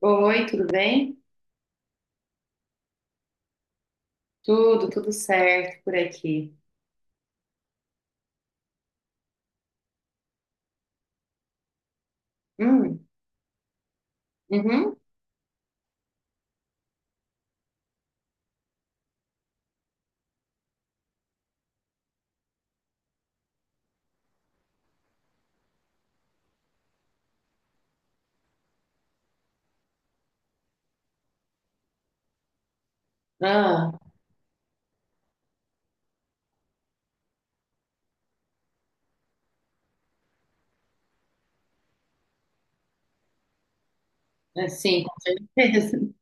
Oi, tudo bem? Tudo certo por aqui. Hum, uhum. Ah, assim, com certeza,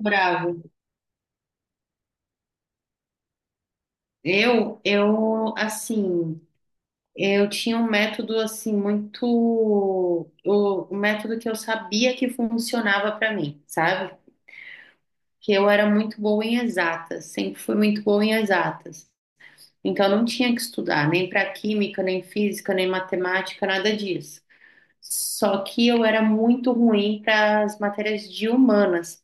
memorável. Eu, assim, eu tinha um método, assim, muito. O método que eu sabia que funcionava para mim, sabe? Que eu era muito boa em exatas, sempre fui muito boa em exatas. Então, eu não tinha que estudar nem para química, nem física, nem matemática, nada disso. Só que eu era muito ruim para as matérias de humanas.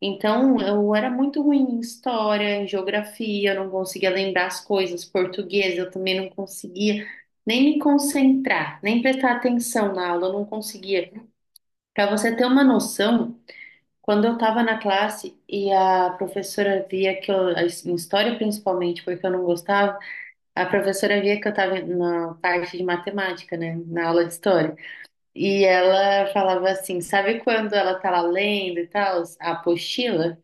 Então, eu era muito ruim em história, em geografia, eu não conseguia lembrar as coisas, português, eu também não conseguia nem me concentrar, nem prestar atenção na aula, eu não conseguia. Para você ter uma noção, quando eu estava na classe e a professora via que eu, em história principalmente, porque eu não gostava, a professora via que eu estava na parte de matemática, né, na aula de história. E ela falava assim, sabe quando ela tá lá lendo e tal, a apostila?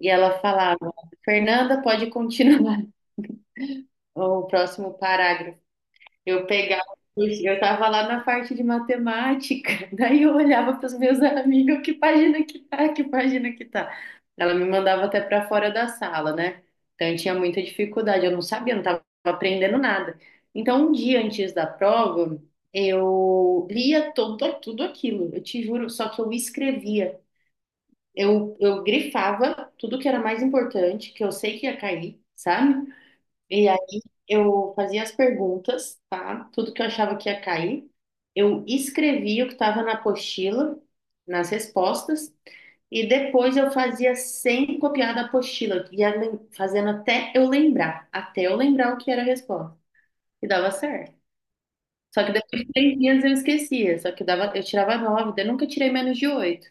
E ela falava, Fernanda, pode continuar o próximo parágrafo. Eu pegava, eu estava lá na parte de matemática, daí eu olhava pros meus amigos, que página que tá, que página que tá. Ela me mandava até para fora da sala, né? Então eu tinha muita dificuldade, eu não sabia, eu não estava aprendendo nada. Então, um dia antes da prova, eu lia todo tudo aquilo, eu te juro, só que eu escrevia, eu grifava tudo que era mais importante, que eu sei que ia cair, sabe? E aí eu fazia as perguntas, tá? Tudo que eu achava que ia cair. Eu escrevia o que estava na apostila, nas respostas, e depois eu fazia sem copiar da apostila, ia fazendo até eu lembrar o que era a resposta. E dava certo. Só que depois de 3 dias eu esquecia, só que dava, eu tirava nove, daí eu nunca tirei menos de oito.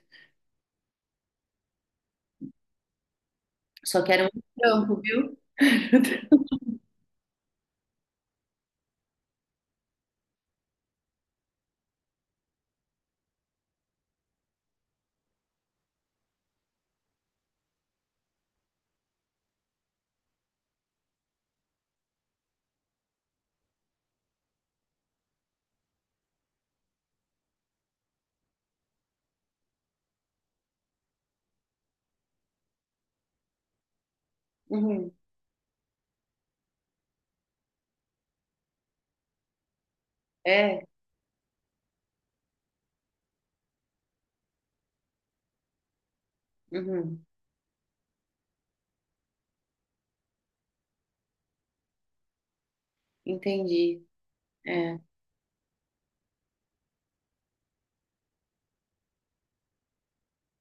Só que era um trampo, viu? Uhum. É, uhum. Entendi. É.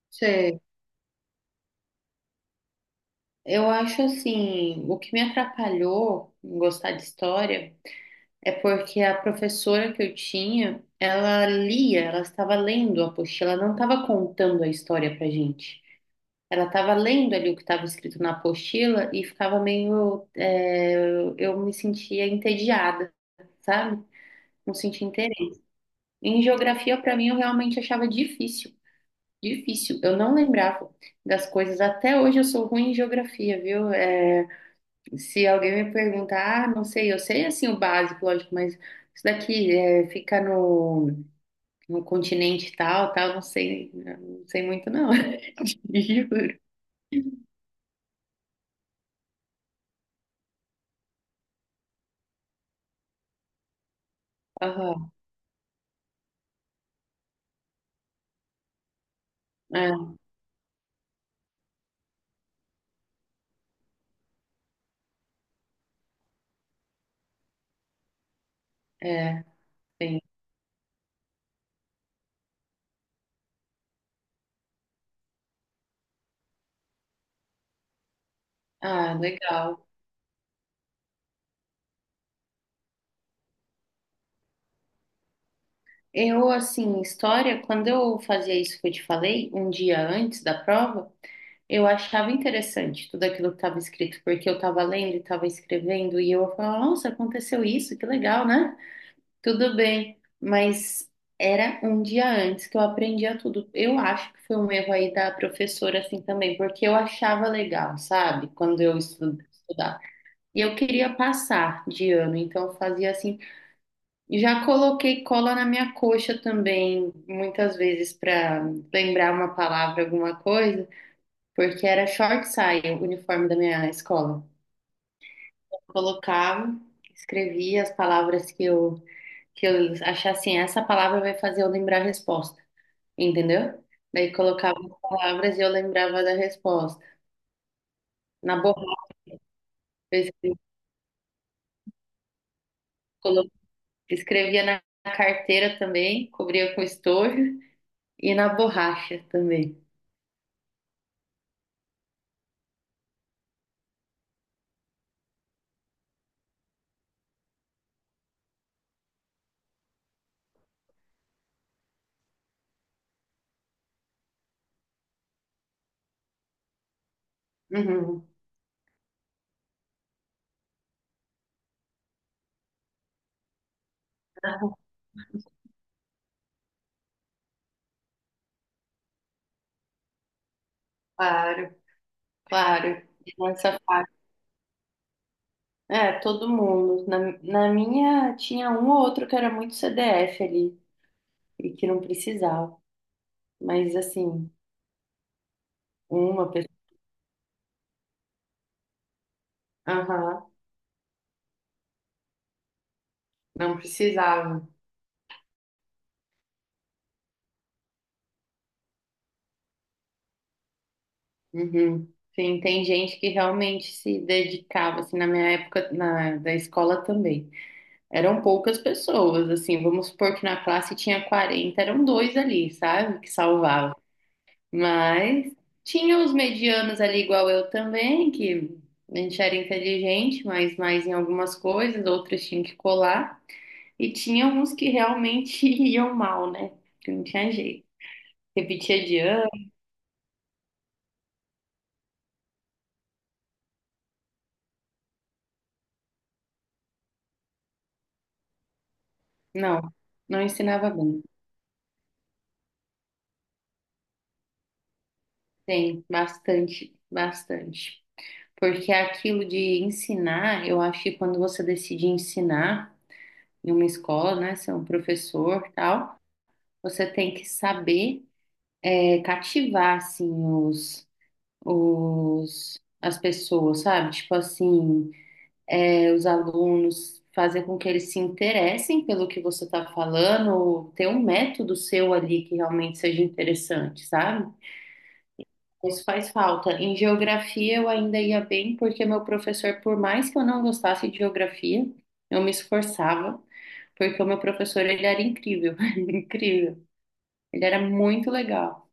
Sei. Eu acho assim, o que me atrapalhou em gostar de história é porque a professora que eu tinha, ela lia, ela estava lendo a apostila, ela não estava contando a história pra gente. Ela estava lendo ali o que estava escrito na apostila e ficava meio, é, eu me sentia entediada, sabe? Não sentia interesse. Em geografia, pra mim, eu realmente achava difícil, difícil. Eu não lembrava das coisas. Até hoje eu sou ruim em geografia, viu? É, se alguém me perguntar, ah, não sei, eu sei assim o básico, lógico, mas isso daqui é, fica no, no continente tal, tal, não sei, não sei muito não, juro. Aham, é, é, sim. Ah, legal. Eu, assim, história, quando eu fazia isso que eu te falei, um dia antes da prova, eu achava interessante tudo aquilo que estava escrito, porque eu estava lendo e estava escrevendo, e eu falava, nossa, aconteceu isso, que legal, né? Tudo bem, mas era um dia antes que eu aprendia tudo. Eu acho que foi um erro aí da professora assim também, porque eu achava legal, sabe? Quando eu estudava. E eu queria passar de ano, então eu fazia assim. Já coloquei cola na minha coxa também, muitas vezes para lembrar uma palavra, alguma coisa, porque era short saia, o uniforme da minha escola. Colocava, escrevia as palavras que eu achar assim, essa palavra vai fazer eu lembrar a resposta, entendeu? Daí colocava as palavras e eu lembrava da resposta. Na borracha, eu colo- escrevia na carteira também, cobria com estojo e na borracha também. Uhum. Claro, claro. E nessa fase. É, todo mundo. Na minha tinha um ou outro que era muito CDF ali e que não precisava. Mas assim, uma pessoa. Aham, não precisava. Uhum. Sim, tem gente que realmente se dedicava, assim, na minha época da escola também. Eram poucas pessoas, assim, vamos supor que na classe tinha 40, eram dois ali, sabe, que salvavam. Mas tinha os medianos ali, igual eu também, que a gente era inteligente, mas mais em algumas coisas, outros tinham que colar. E tinha uns que realmente iam mal, né? Que não tinha jeito. Repetia de ano, não, não ensinava bem. Tem bastante, bastante. Porque aquilo de ensinar, eu acho que quando você decide ensinar em uma escola, né, ser um professor, tal, você tem que saber cativar assim os as pessoas, sabe? Tipo assim, os alunos fazer com que eles se interessem pelo que você está falando, ou ter um método seu ali que realmente seja interessante, sabe? Isso faz falta. Em geografia eu ainda ia bem, porque meu professor, por mais que eu não gostasse de geografia, eu me esforçava, porque o meu professor, ele era incrível, incrível. Ele era muito legal.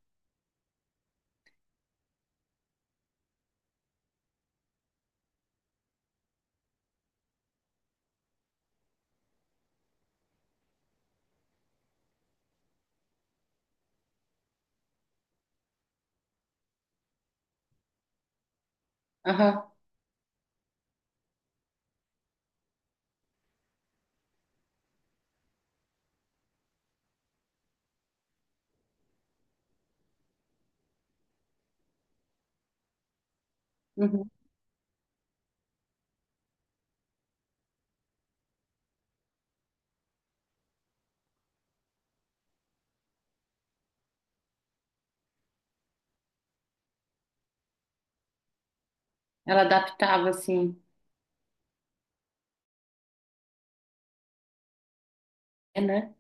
Aham, uhum. Ela adaptava, assim, é, né?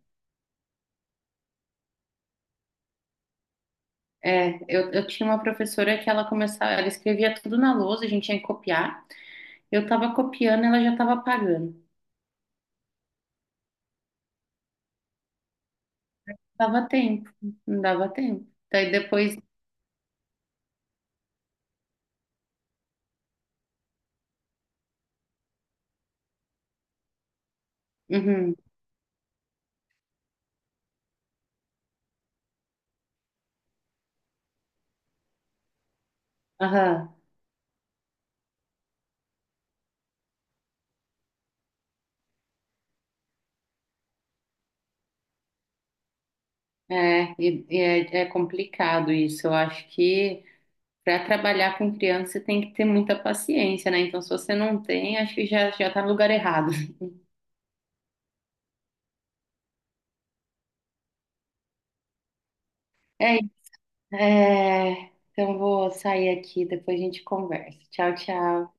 É, eu tinha uma professora que ela começava, ela escrevia tudo na lousa, a gente tinha que copiar. Eu tava copiando, ela já tava apagando. Dava tempo, não dava tempo. Daí depois, uhum, aham. É, e é complicado isso. Eu acho que para trabalhar com criança você tem que ter muita paciência, né? Então, se você não tem, acho que já, já tá no lugar errado. É, isso. É, então, vou sair aqui, depois a gente conversa. Tchau, tchau.